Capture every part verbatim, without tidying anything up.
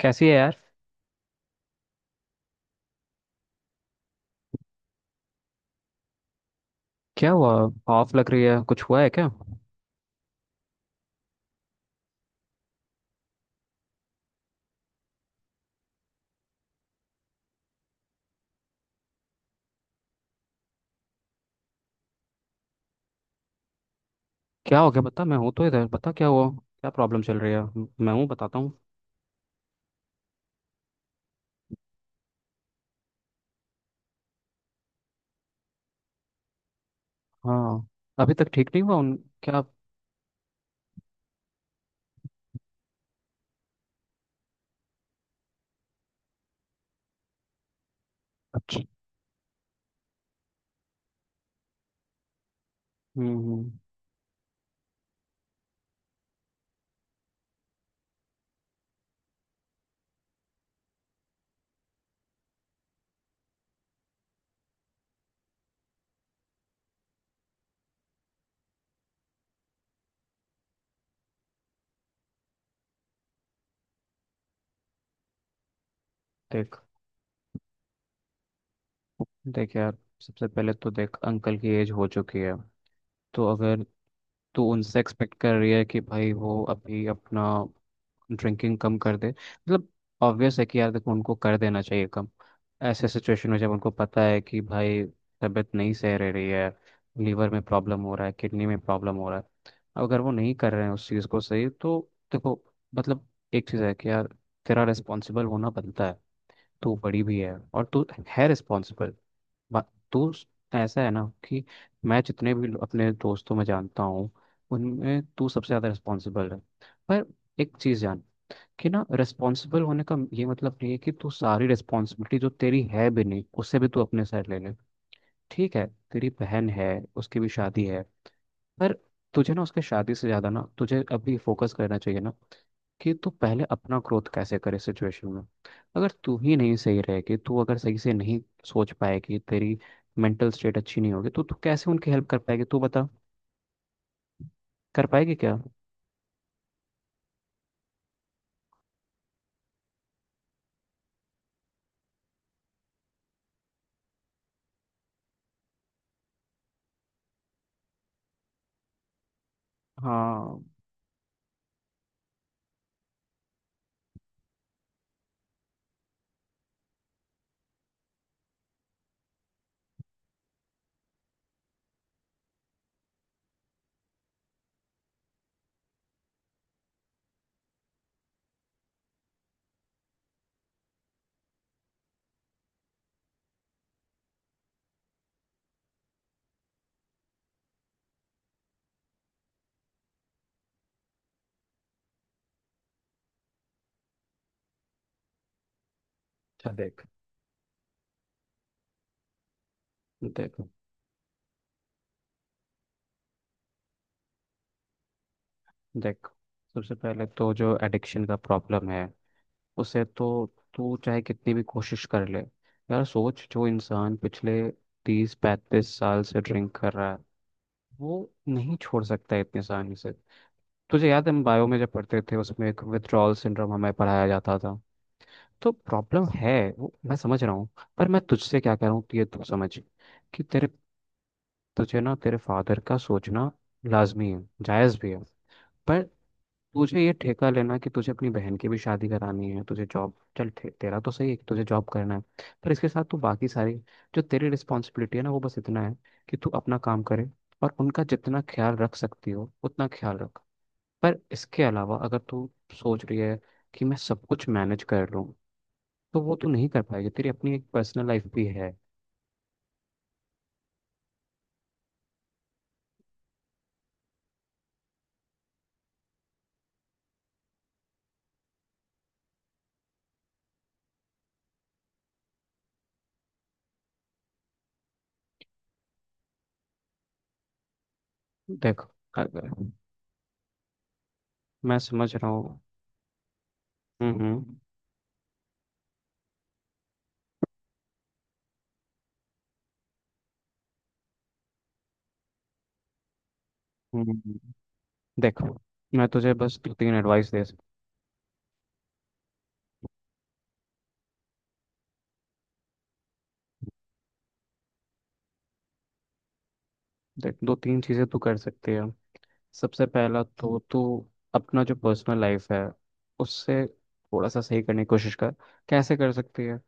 कैसी है यार? क्या हुआ? ऑफ लग रही है, कुछ हुआ है क्या? क्या हो गया बता, मैं हूँ तो, इधर बता क्या हुआ, क्या प्रॉब्लम चल रही है। म- मैं हूँ, बताता हूँ। हाँ। अभी तक ठीक नहीं हुआ उन? क्या? अच्छा। हम्म हम्म। देख। देख यार, सबसे पहले तो देख अंकल की एज हो चुकी है। तो अगर तू उनसे एक्सपेक्ट कर रही है कि भाई वो अभी अपना ड्रिंकिंग कम कर दे, मतलब ऑब्वियस है कि यार देखो उनको कर देना चाहिए कम। ऐसे सिचुएशन में जब उनको पता है कि भाई तबीयत नहीं सह रह रही है, लीवर में प्रॉब्लम हो रहा है, किडनी में प्रॉब्लम हो रहा है, अगर वो नहीं कर रहे हैं उस चीज़ को सही, तो देखो मतलब एक चीज़ है कि यार तेरा रिस्पॉन्सिबल होना बनता है। तू बड़ी भी है और तू है रिस्पॉन्सिबल। बा- तो स- ऐसा है ना कि मैं जितने भी लो- अपने दोस्तों में जानता हूँ, उनमें तू सबसे ज़्यादा रिस्पॉन्सिबल है। पर एक चीज़ जान, कि ना रिस्पॉन्सिबल होने का ये मतलब नहीं है कि तू सारी रिस्पॉन्सिबिलिटी जो तेरी है भी नहीं उससे भी तू अपने साइड ले ले। ठीक है? तेरी बहन है, उसकी भी शादी है। पर तुझे ना उसके शादी से ज्यादा ना तुझे अभी फोकस करना चाहिए ना, कि तू पहले अपना ग्रोथ कैसे करे सिचुएशन में। अगर तू ही नहीं सही रहेगी, तू अगर सही से नहीं सोच पाएगी, तेरी मेंटल स्टेट अच्छी नहीं होगी, तो तू कैसे उनकी हेल्प कर पाएगी? तू बता, कर पाएगी क्या? हाँ अच्छा देख। देख, देख, सबसे पहले तो जो एडिक्शन का प्रॉब्लम है उसे तो तू चाहे कितनी भी कोशिश कर ले। यार सोच, जो इंसान पिछले तीस पैंतीस साल से ड्रिंक कर रहा है वो नहीं छोड़ सकता है इतनी आसानी से। तुझे याद है हम बायो में जब पढ़ते थे, उसमें एक विथड्रॉल सिंड्रोम हमें पढ़ाया जाता था। तो प्रॉब्लम है, वो मैं समझ रहा हूँ। पर मैं तुझसे क्या कह रहा हूँ कि ये तू समझ, कि तेरे, तुझे ना तेरे फादर का सोचना लाजमी है, जायज़ भी है। पर तुझे ये ठेका लेना कि तुझे अपनी बहन की भी शादी करानी है, तुझे जॉब, चल ठे, तेरा तो सही है कि तुझे जॉब करना है। पर इसके साथ तू बाकी सारी, जो तेरी रिस्पॉन्सिबिलिटी है ना वो बस इतना है कि तू अपना काम करे और उनका जितना ख्याल रख सकती हो उतना ख्याल रख। पर इसके अलावा अगर तू सोच रही है कि मैं सब कुछ मैनेज कर लूँ, तो वो तू नहीं कर पाएगी। तेरी अपनी एक पर्सनल लाइफ भी है। देख। अगर, मैं समझ रहा हूँ। हम्म हम्म हम्म, हम्म। देख, मैं तुझे बस दो तीन एडवाइस दे सकता। देख, दो तीन चीज़ें तो कर सकते हैं। सबसे पहला तो तो अपना जो पर्सनल लाइफ है उससे थोड़ा सा सही करने की कोशिश कर। कैसे कर सकती है?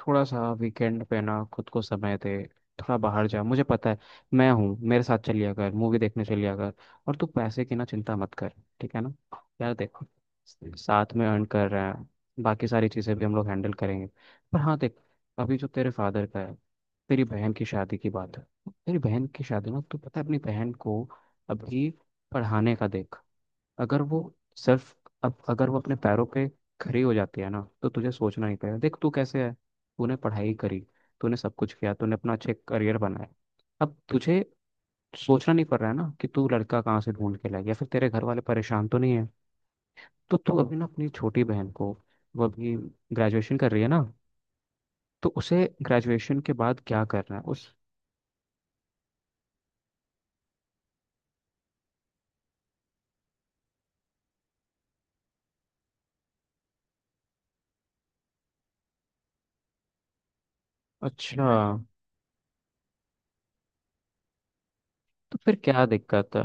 थोड़ा सा वीकेंड पे ना खुद को समय दे, थोड़ा बाहर जा। मुझे पता है, मैं हूँ, मेरे साथ चलिया कर, मूवी देखने चलिया कर। और तू पैसे की ना चिंता मत कर। ठीक है ना? यार देखो, साथ में अर्न कर रहे हैं, बाकी सारी चीज़ें भी हम लोग हैंडल करेंगे। पर हाँ देख, अभी जो तेरे फादर का है, तेरी बहन की शादी की बात है। तेरी बहन की शादी ना, तू पता है अपनी बहन को अभी पढ़ाने का देख, अगर वो सिर्फ, अब अगर वो अपने पैरों पे खड़ी हो जाती है ना, तो तुझे सोचना नहीं पड़ेगा। देख तू कैसे है, तूने पढ़ाई करी, तूने सब कुछ किया, तूने अपना अच्छे करियर बनाया। अब तुझे सोचना नहीं पड़ रहा है ना कि तू लड़का कहाँ से ढूंढ के लाएगी या फिर तेरे घर वाले परेशान तो नहीं है। तो तू अभी ना अपनी छोटी बहन को, वो अभी ग्रेजुएशन कर रही है ना, तो उसे ग्रेजुएशन के बाद क्या करना है उस। अच्छा। तो फिर क्या दिक्कत है?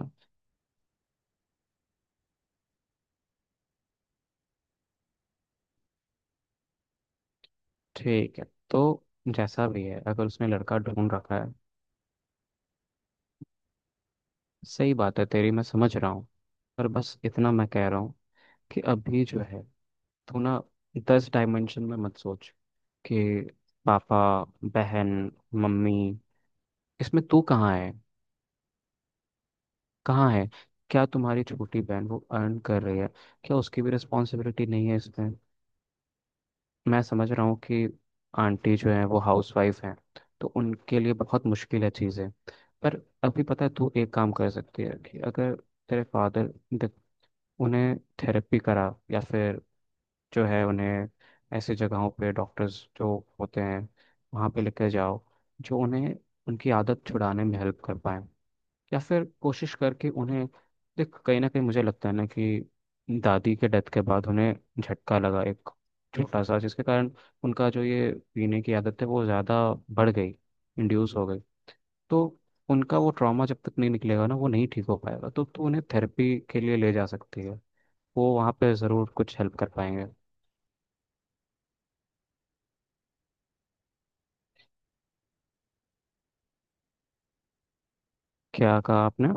ठीक है। तो जैसा भी है, अगर उसने लड़का ढूंढ रखा है, सही बात है तेरी, मैं समझ रहा हूँ। पर बस इतना मैं कह रहा हूँ कि अभी जो है तू ना दस डायमेंशन में मत सोच, कि पापा, बहन, मम्मी, इसमें तू कहाँ है? कहाँ है? क्या तुम्हारी छोटी बहन वो अर्न कर रही है? क्या उसकी भी रिस्पॉन्सिबिलिटी नहीं है इसमें? मैं समझ रहा हूँ कि आंटी जो है वो हाउसवाइफ हैं, तो उनके लिए बहुत मुश्किल है चीज़ें। पर अभी पता है तू एक काम कर सकती है, कि अगर तेरे फादर, उन्हें थेरेपी करा, या फिर जो है उन्हें ऐसे जगहों पे डॉक्टर्स जो होते हैं वहाँ पे लेकर जाओ, जो उन्हें उनकी आदत छुड़ाने में हेल्प कर पाए। या फिर कोशिश करके उन्हें, देख कहीं ना कहीं मुझे लगता है ना कि दादी के डेथ के बाद उन्हें झटका लगा एक छोटा सा, जिसके कारण उनका जो ये पीने की आदत है वो ज़्यादा बढ़ गई, इंड्यूस हो गई। तो उनका वो ट्रॉमा जब तक नहीं निकलेगा ना, वो नहीं ठीक हो पाएगा। तो, तो उन्हें थेरेपी के लिए ले जा सकती है, वो वहाँ पे ज़रूर कुछ हेल्प कर पाएंगे। क्या कहा आपने?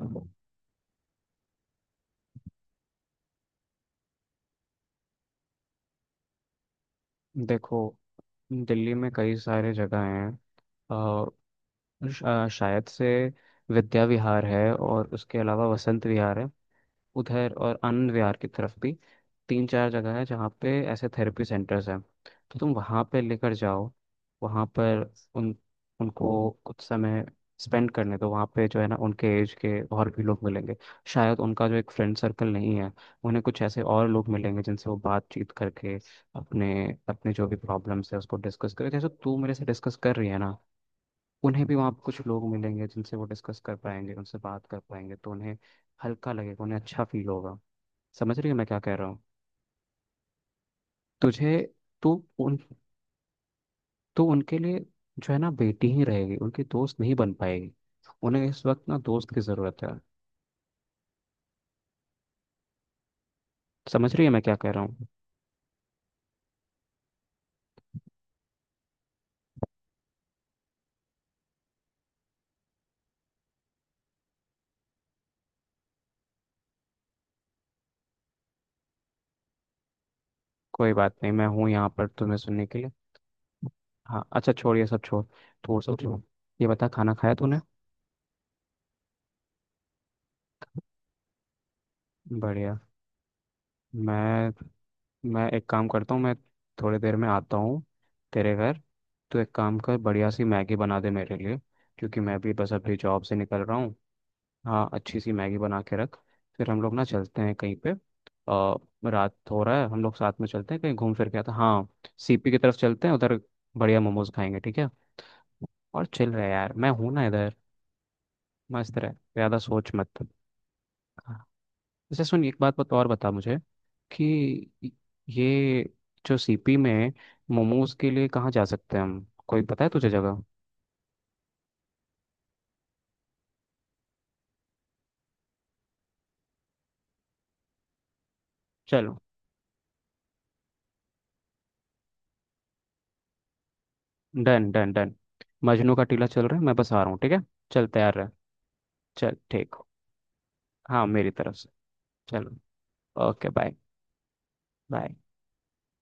देखो, दिल्ली में कई सारे जगह हैं। अ, श- अ, शायद से विद्या विहार है, और उसके अलावा वसंत विहार है उधर, और आनंद विहार की तरफ भी। तीन चार जगह है जहाँ पे ऐसे थेरेपी सेंटर्स हैं। तो तुम वहाँ पे लेकर जाओ, वहाँ पर उन, उनको कुछ समय स्पेंड करने दो। वहाँ पे जो है ना उनके एज के और भी लोग मिलेंगे, शायद उनका जो एक फ्रेंड सर्कल नहीं है, उन्हें कुछ ऐसे और लोग मिलेंगे जिनसे वो बातचीत करके अपने अपने जो भी प्रॉब्लम्स है उसको डिस्कस करें, जैसे तू मेरे से डिस्कस कर रही है ना, उन्हें भी वहाँ पे कुछ लोग मिलेंगे जिनसे वो डिस्कस कर पाएंगे, उनसे बात कर पाएंगे, तो उन्हें हल्का लगेगा, उन्हें अच्छा फील होगा। समझ रही है मैं क्या कह रहा हूँ? तुझे, तू उन तू उनके लिए जो है ना बेटी ही रहेगी, उनकी दोस्त नहीं बन पाएगी। उन्हें इस वक्त ना दोस्त की ज़रूरत है। समझ रही है मैं क्या कह रहा हूँ? कोई बात नहीं, मैं हूँ यहाँ पर तुम्हें सुनने के लिए। हाँ अच्छा, छोड़ ये सब छोड़, छोड़ सब छोड़। ये बता, खाना खाया तूने? बढ़िया। मैं मैं एक काम करता हूँ, मैं थोड़ी देर में आता हूँ तेरे घर। तो एक काम कर, बढ़िया सी मैगी बना दे मेरे लिए। क्योंकि मैं भी बस अभी जॉब से निकल रहा हूँ। हाँ, अच्छी सी मैगी बना के रख, फिर हम लोग ना चलते हैं कहीं पे। आ, रात हो रहा है, हम लोग साथ में चलते हैं, कहीं घूम फिर के आते हैं। हाँ। सीपी की तरफ चलते हैं उधर, बढ़िया मोमोज खाएंगे। ठीक है? और चिल रहे यार, मैं हूं ना इधर। मस्त रहे, ज़्यादा सोच मत। जैसे सुन, एक बात बत और बता मुझे कि ये जो सीपी में मोमोज के लिए कहाँ जा सकते हैं हम, कोई पता है तुझे जगह? चलो। Done done done. मजनू का टीला चल रहा है, मैं बस आ रहा हूँ। ठीक है। चल तैयार रह। चल ठीक। हाँ, मेरी तरफ से। चलो। Okay bye. बाय।